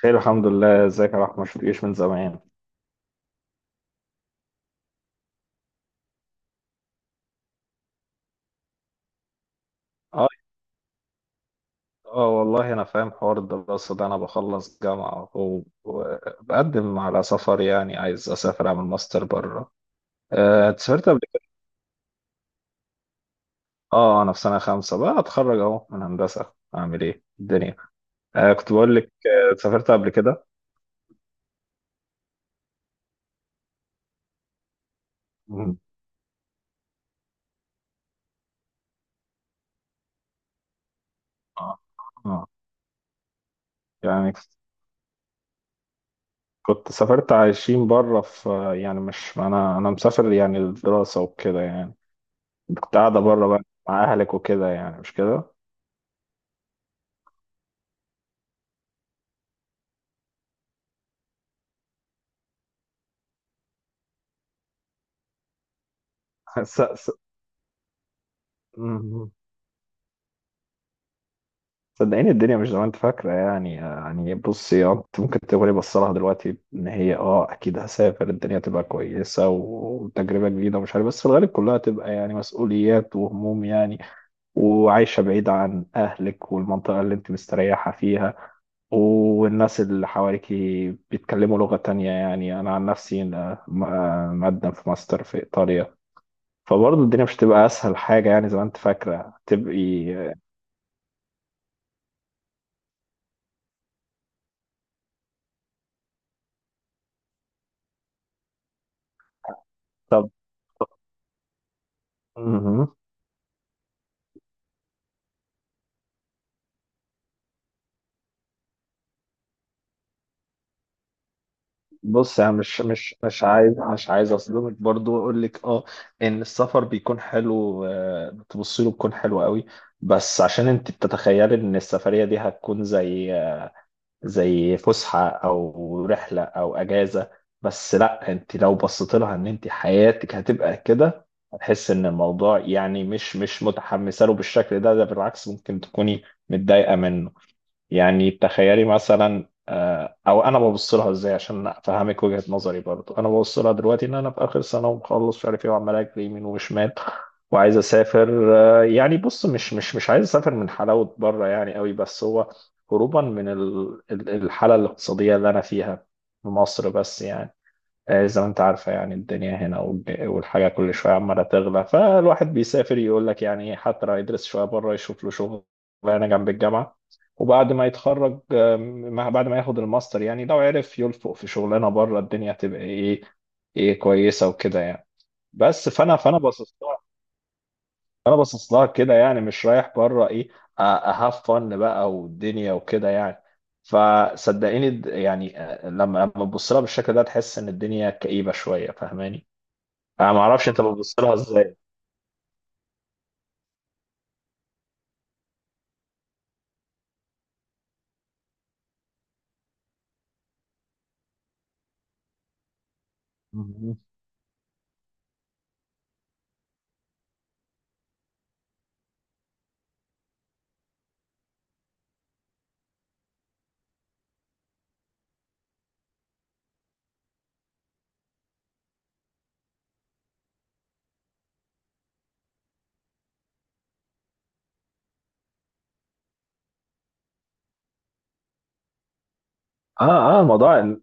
خير، الحمد لله. ازيك يا رحمة؟ شفتكش من زمان. اه. اه والله انا فاهم حوار الدراسة ده. انا بخلص جامعة و- وبقدم على سفر، يعني عايز اسافر اعمل ماستر بره. أنت سافرت قبل كده؟ اه انا في سنة خمسة، بقى اتخرج اهو من هندسة، اعمل ايه الدنيا. كنت بقول لك، سافرت قبل كده؟ مم. اه. اه، يعني كنت سافرت عايشين بره في، يعني مش انا مسافر، يعني الدراسة وكده يعني. كنت قاعدة بره بقى، مع اهلك وكده، يعني مش كده؟ س... س... مم. صدقيني الدنيا مش زي ما انت فاكره، يعني بصي، اه انت ممكن تقولي بص لها دلوقتي ان هي، اه اكيد هسافر الدنيا تبقى كويسه وتجربه جديده ومش عارف، بس في الغالب كلها تبقى يعني مسؤوليات وهموم يعني. وعايشه بعيده عن اهلك والمنطقه اللي انت مستريحه فيها، والناس اللي حواليكي بيتكلموا لغه تانية. يعني انا عن نفسي انا م- آه، مقدم في ماستر في ايطاليا، فبرضه الدنيا مش تبقى اسهل حاجه يعني زي ما انت فاكره تبقي. مهم. بص انا مش عايز اصدمك برضو واقول لك، اه ان السفر بيكون حلو، بتبصي له بيكون حلو قوي، بس عشان انت بتتخيلي ان السفريه دي هتكون زي فسحه او رحله او اجازه. بس لا، انت لو بصيت لها ان انت حياتك هتبقى كده، هتحس ان الموضوع يعني مش متحمسه له بالشكل ده. بالعكس ممكن تكوني متضايقه منه. يعني تخيلي مثلا، او انا ببص لها ازاي عشان افهمك وجهة نظري. برضو انا ببص لها دلوقتي ان انا في اخر سنة، ومخلص مش عارف ايه، وعمال اجري يمين وشمال وعايز اسافر. يعني بص، مش عايز اسافر من حلاوة بره يعني قوي، بس هو هروبا من الحالة الاقتصادية اللي انا فيها في مصر بس. يعني زي ما انت عارفة، يعني الدنيا هنا والحاجة كل شوية عمالة تغلى. فالواحد بيسافر يقول لك يعني ايه، حتى لو يدرس شوية بره يشوف له شغل هنا جنب الجامعة، وبعد ما يتخرج، آم، ما- بعد ما ياخد الماستر، يعني لو عرف يلفق في شغلانة بره، الدنيا تبقى ايه كويسة وكده يعني. بس فانا باصص، انا باصص لها كده. يعني مش رايح بره ايه، اهاف فن بقى والدنيا وكده يعني. فصدقيني، يعني لما تبص لها بالشكل ده تحس ان الدنيا كئيبه شويه، فاهماني؟ انا ما اعرفش انت بتبص لها ازاي. مهم. اه. اه موضوع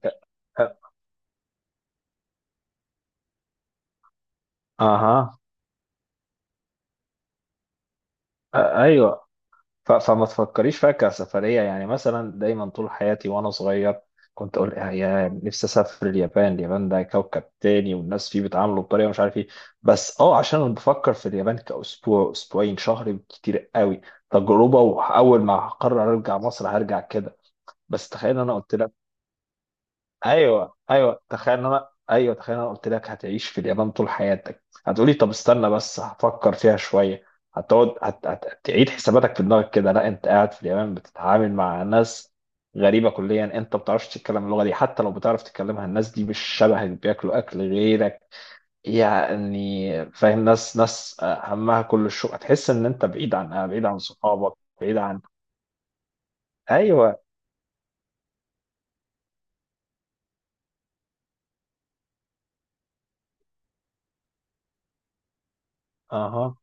اها، ايوه. فما تفكريش فيها كسفرية. يعني مثلا دايما طول حياتي وأنا صغير كنت أقول، يا نفسي أسافر اليابان. اليابان ده كوكب تاني، والناس فيه بيتعاملوا بطريقة مش عارف إيه، بس عشان أنا بفكر في اليابان كأسبوع، أسبوعين، شهر كتير قوي، تجربة، وأول ما هقرر أرجع مصر هرجع كده. بس تخيل أنا قلت، ايوه، ايوه، تخيل إن انا، قلت لك هتعيش في اليابان طول حياتك، هتقولي طب استنى بس هفكر فيها شويه. هتقعد هتعيد حساباتك في دماغك كده. لا، انت قاعد في اليابان بتتعامل مع ناس غريبه كليا، انت ما بتعرفش تتكلم اللغه دي، حتى لو بتعرف تتكلمها الناس دي مش شبهك، بياكلوا اكل غيرك. يعني فاهم، ناس ناس همها كل الشغل. هتحس ان انت بعيد عن صحابك، بعيد عن، ايوه، اها.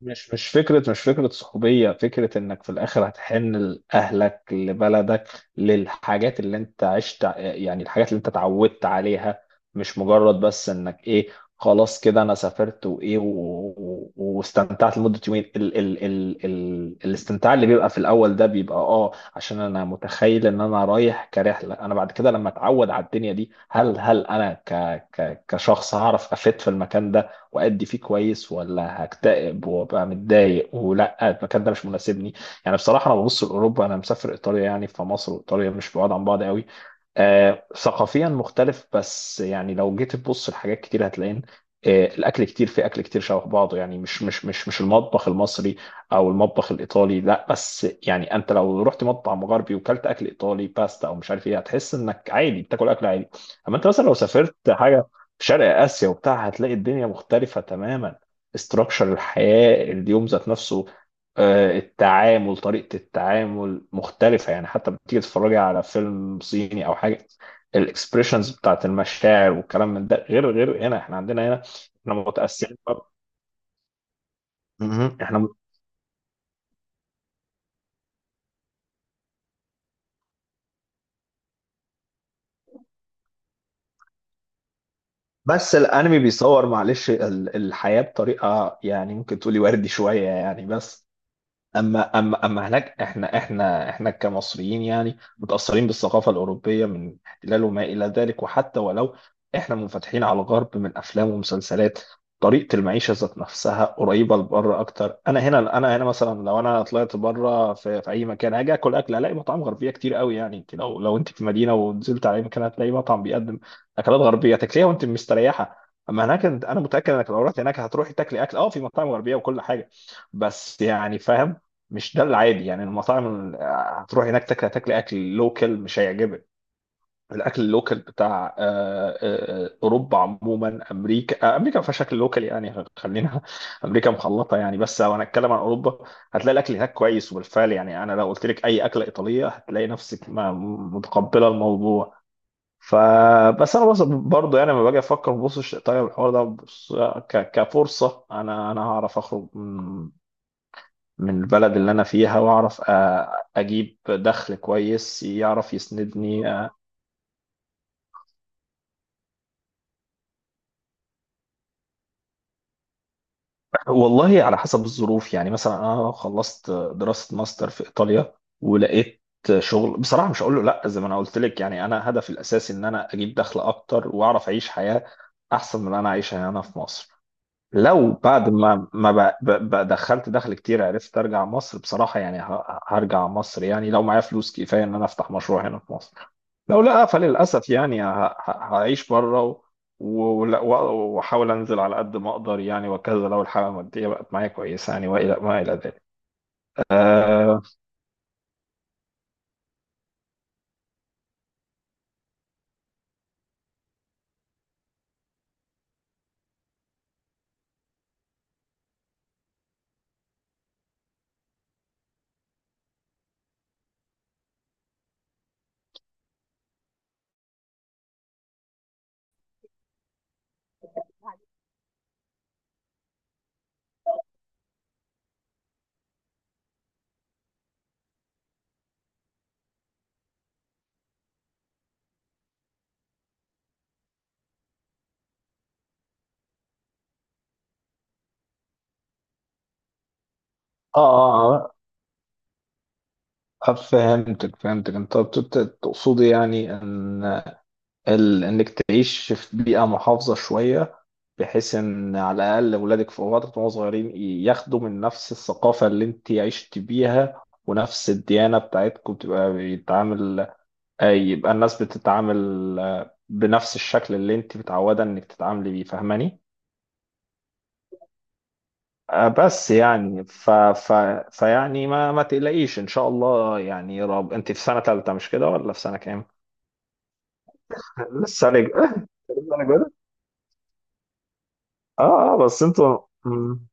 مش فكرة صحوبية، فكرة انك في الاخر هتحن لأهلك، لبلدك، للحاجات اللي انت عشت، يعني الحاجات اللي انت اتعودت عليها. مش مجرد بس انك ايه، خلاص كده انا سافرت وايه واستمتعت لمدة يومين. ال الاستمتاع اللي بيبقى في الاول ده بيبقى، اه عشان انا متخيل ان انا رايح كرحلة. انا بعد كده لما اتعود على الدنيا دي، هل انا ك ك كشخص هعرف افيد في المكان ده، وأدي فيه كويس، ولا هكتئب وأبقى متضايق، ولا المكان ده مش مناسبني. يعني بصراحة أنا ببص لأوروبا، أنا مسافر إيطاليا يعني، فمصر وإيطاليا مش بعاد عن بعض قوي. ثقافيا مختلف، بس يعني لو جيت تبص لحاجات كتير هتلاقين، الاكل، كتير في اكل كتير شبه بعضه. يعني مش المطبخ المصري او المطبخ الايطالي، لا، بس يعني انت لو رحت مطعم غربي وكلت اكل ايطالي، باستا او مش عارف ايه، هتحس انك عادي بتاكل اكل عادي. اما انت مثلا لو سافرت حاجه في شرق آسيا وبتاع، هتلاقي الدنيا مختلفة تماما. استراكشر الحياة اليوم ذات نفسه، التعامل، طريقة التعامل مختلفة. يعني حتى بتيجي تتفرجي على فيلم صيني أو حاجة، الاكسبريشنز بتاعت المشاعر والكلام من ده غير، غير هنا احنا عندنا هنا. احنا متأثرين بقى. مهم. بس الانمي بيصور معلش الحياة بطريقة، يعني ممكن تقولي وردي شوية يعني. بس اما هناك، احنا كمصريين يعني متاثرين بالثقافه الاوروبيه من احتلال وما الى ذلك. وحتى ولو احنا منفتحين على الغرب من افلام ومسلسلات، طريقه المعيشه ذات نفسها قريبه لبره اكتر. انا هنا مثلا، لو انا طلعت بره في اي مكان، هاجي اكل، هلاقي مطاعم غربيه كتير قوي. يعني انت لو انت في مدينه ونزلت على اي مكان هتلاقي مطعم بيقدم اكلات غربيه تاكليها وانت مستريحه. اما هناك، انا متاكد انك لو رحت هناك، هتروحي تاكلي اكل، اه في مطاعم غربيه وكل حاجه، بس يعني فاهم، مش ده العادي. يعني المطاعم هتروح هناك تاكل، اكل لوكال مش هيعجبك. الاكل اللوكال بتاع اوروبا عموما، امريكا، امريكا ما فيهاش اكل لوكال يعني، خلينا امريكا مخلطه يعني. بس لو هنتكلم عن اوروبا، هتلاقي الاكل هناك كويس، وبالفعل يعني انا لو قلت لك اي اكله ايطاليه هتلاقي نفسك متقبله الموضوع. فبس انا بص برضه، يعني لما باجي افكر ببص، طيب الحوار ده بص، كفرصه انا هعرف اخرج من البلد اللي أنا فيها وأعرف، أجيب دخل كويس يعرف يسندني. آه. والله على حسب الظروف يعني. مثلا أنا لو خلصت دراسة ماستر في إيطاليا ولقيت شغل، بصراحة مش هقول له لأ. زي ما أنا قلت لك، يعني أنا هدفي الأساسي إن أنا أجيب دخل أكتر وأعرف أعيش حياة أحسن من اللي أنا عايشها هنا في مصر. لو بعد ما دخلت دخل كتير، عرفت ارجع مصر، بصراحة يعني هرجع مصر، يعني لو معايا فلوس كفاية ان انا افتح مشروع هنا في مصر. لو لا، فللأسف يعني هعيش بره وأحاول أنزل على قد ما أقدر يعني، وكذا، لو الحالة المادية بقت معايا كويسة يعني، وإلى ما إلى ذلك. آه آه آه، فهمتك، فهمتك. أنت تقصدي يعني إن إنك تعيش في بيئة محافظة شوية، بحيث إن على الأقل أولادك في وقت وهم صغيرين ياخدوا من نفس الثقافة اللي أنت عشت بيها، ونفس الديانة بتاعتكم، تبقى بيتعامل، أي يبقى الناس بتتعامل بنفس الشكل اللي انت متعودة انك تتعاملي بيه، فاهماني؟ بس يعني فيعني ما تقلقيش ان شاء الله. يعني يا رب، انت في سنة تالتة مش كده، ولا في سنة كام؟ لسه رج... لسه رج... اه. اه بس انتوا، مم.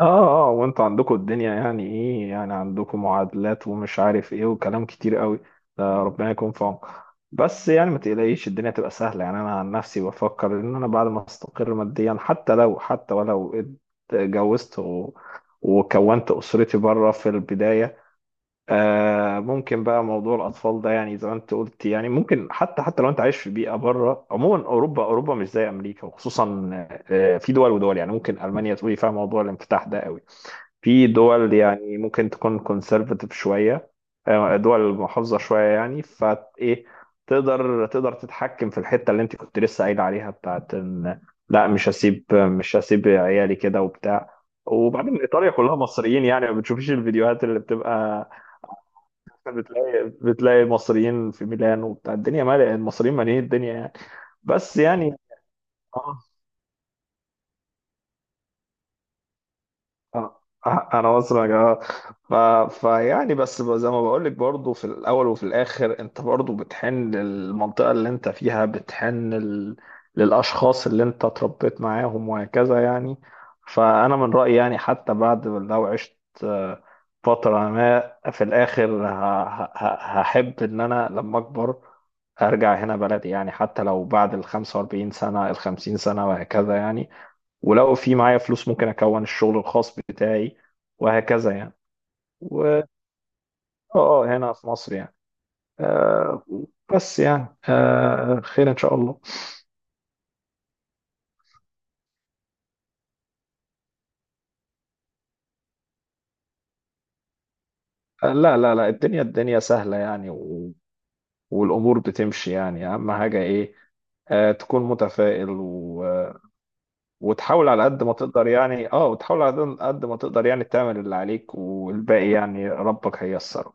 اه. اه وانتوا عندكم الدنيا يعني ايه، يعني عندكم معادلات ومش عارف ايه وكلام كتير قوي، ده ربنا يكون في عونكم. بس يعني ما تقلقيش، الدنيا تبقى سهلة. يعني انا عن نفسي بفكر ان انا بعد ما استقر ماديا، حتى لو، حتى ولو اتجوزت وكونت اسرتي بره في البداية، ممكن بقى موضوع الاطفال ده، يعني زي ما انت قلت. يعني ممكن حتى لو انت عايش في بيئة بره، عموما اوروبا، مش زي امريكا. وخصوصا في دول ودول، يعني ممكن المانيا تقولي فيها موضوع الانفتاح ده قوي، في دول يعني ممكن تكون conservative شوية، دول محافظة شوية يعني. فإيه، تقدر تتحكم في الحتة اللي أنت كنت لسه قايل عليها بتاعت إن، لا مش هسيب، عيالي كده وبتاع. وبعدين إيطاليا كلها مصريين، يعني ما بتشوفيش الفيديوهات اللي بتبقى بتلاقي مصريين في ميلان وبتاع، الدنيا مالية المصريين، مالين الدنيا يعني. بس يعني آه. انا انا مصري يا جماعه. ف... فيعني بس زي ما بقول لك، برضه في الاول وفي الاخر انت برضه بتحن للمنطقه اللي انت فيها، بتحن للاشخاص اللي انت اتربيت معاهم وهكذا يعني. فانا من رايي يعني حتى بعد لو عشت آه، فتره، ما في الاخر هحب ان انا لما اكبر ارجع هنا بلدي. يعني حتى لو بعد ال 45 سنه ال 50 سنه وهكذا يعني، ولو في معايا فلوس ممكن اكون الشغل الخاص بتاعي، وهكذا يعني. و هنا في مصر يعني. آه بس يعني خير ان شاء الله. لا لا لا، الدنيا سهلة يعني، والامور بتمشي. يعني اهم حاجة ايه، تكون متفائل، وتحاول على قد ما تقدر يعني. اه وتحاول على قد ما تقدر، يعني تعمل اللي عليك والباقي يعني ربك هيسره.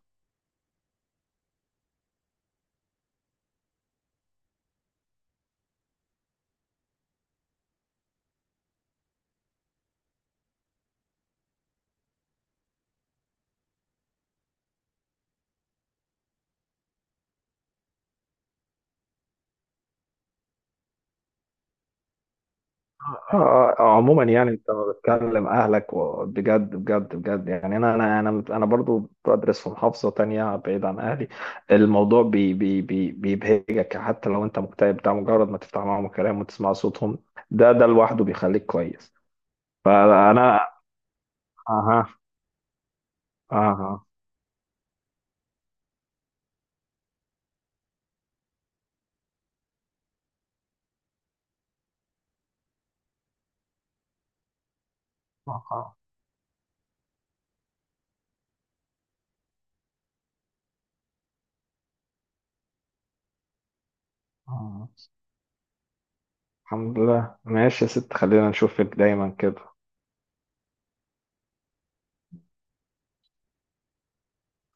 عموما يعني انت لما بتكلم اهلك، بجد بجد بجد يعني، انا برضو بدرس في محافظه تانية بعيد عن اهلي، الموضوع بي بي بي بيبهجك حتى لو انت مكتئب. ده مجرد ما تفتح معاهم الكلام وتسمع صوتهم، ده لوحده بيخليك كويس. فانا، اها، اها، اها، أها. الحمد لله. ماشي يا ست، خلينا نشوفك دايما كده.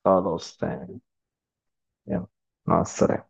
خلاص تاني، يلا، مع السلامه.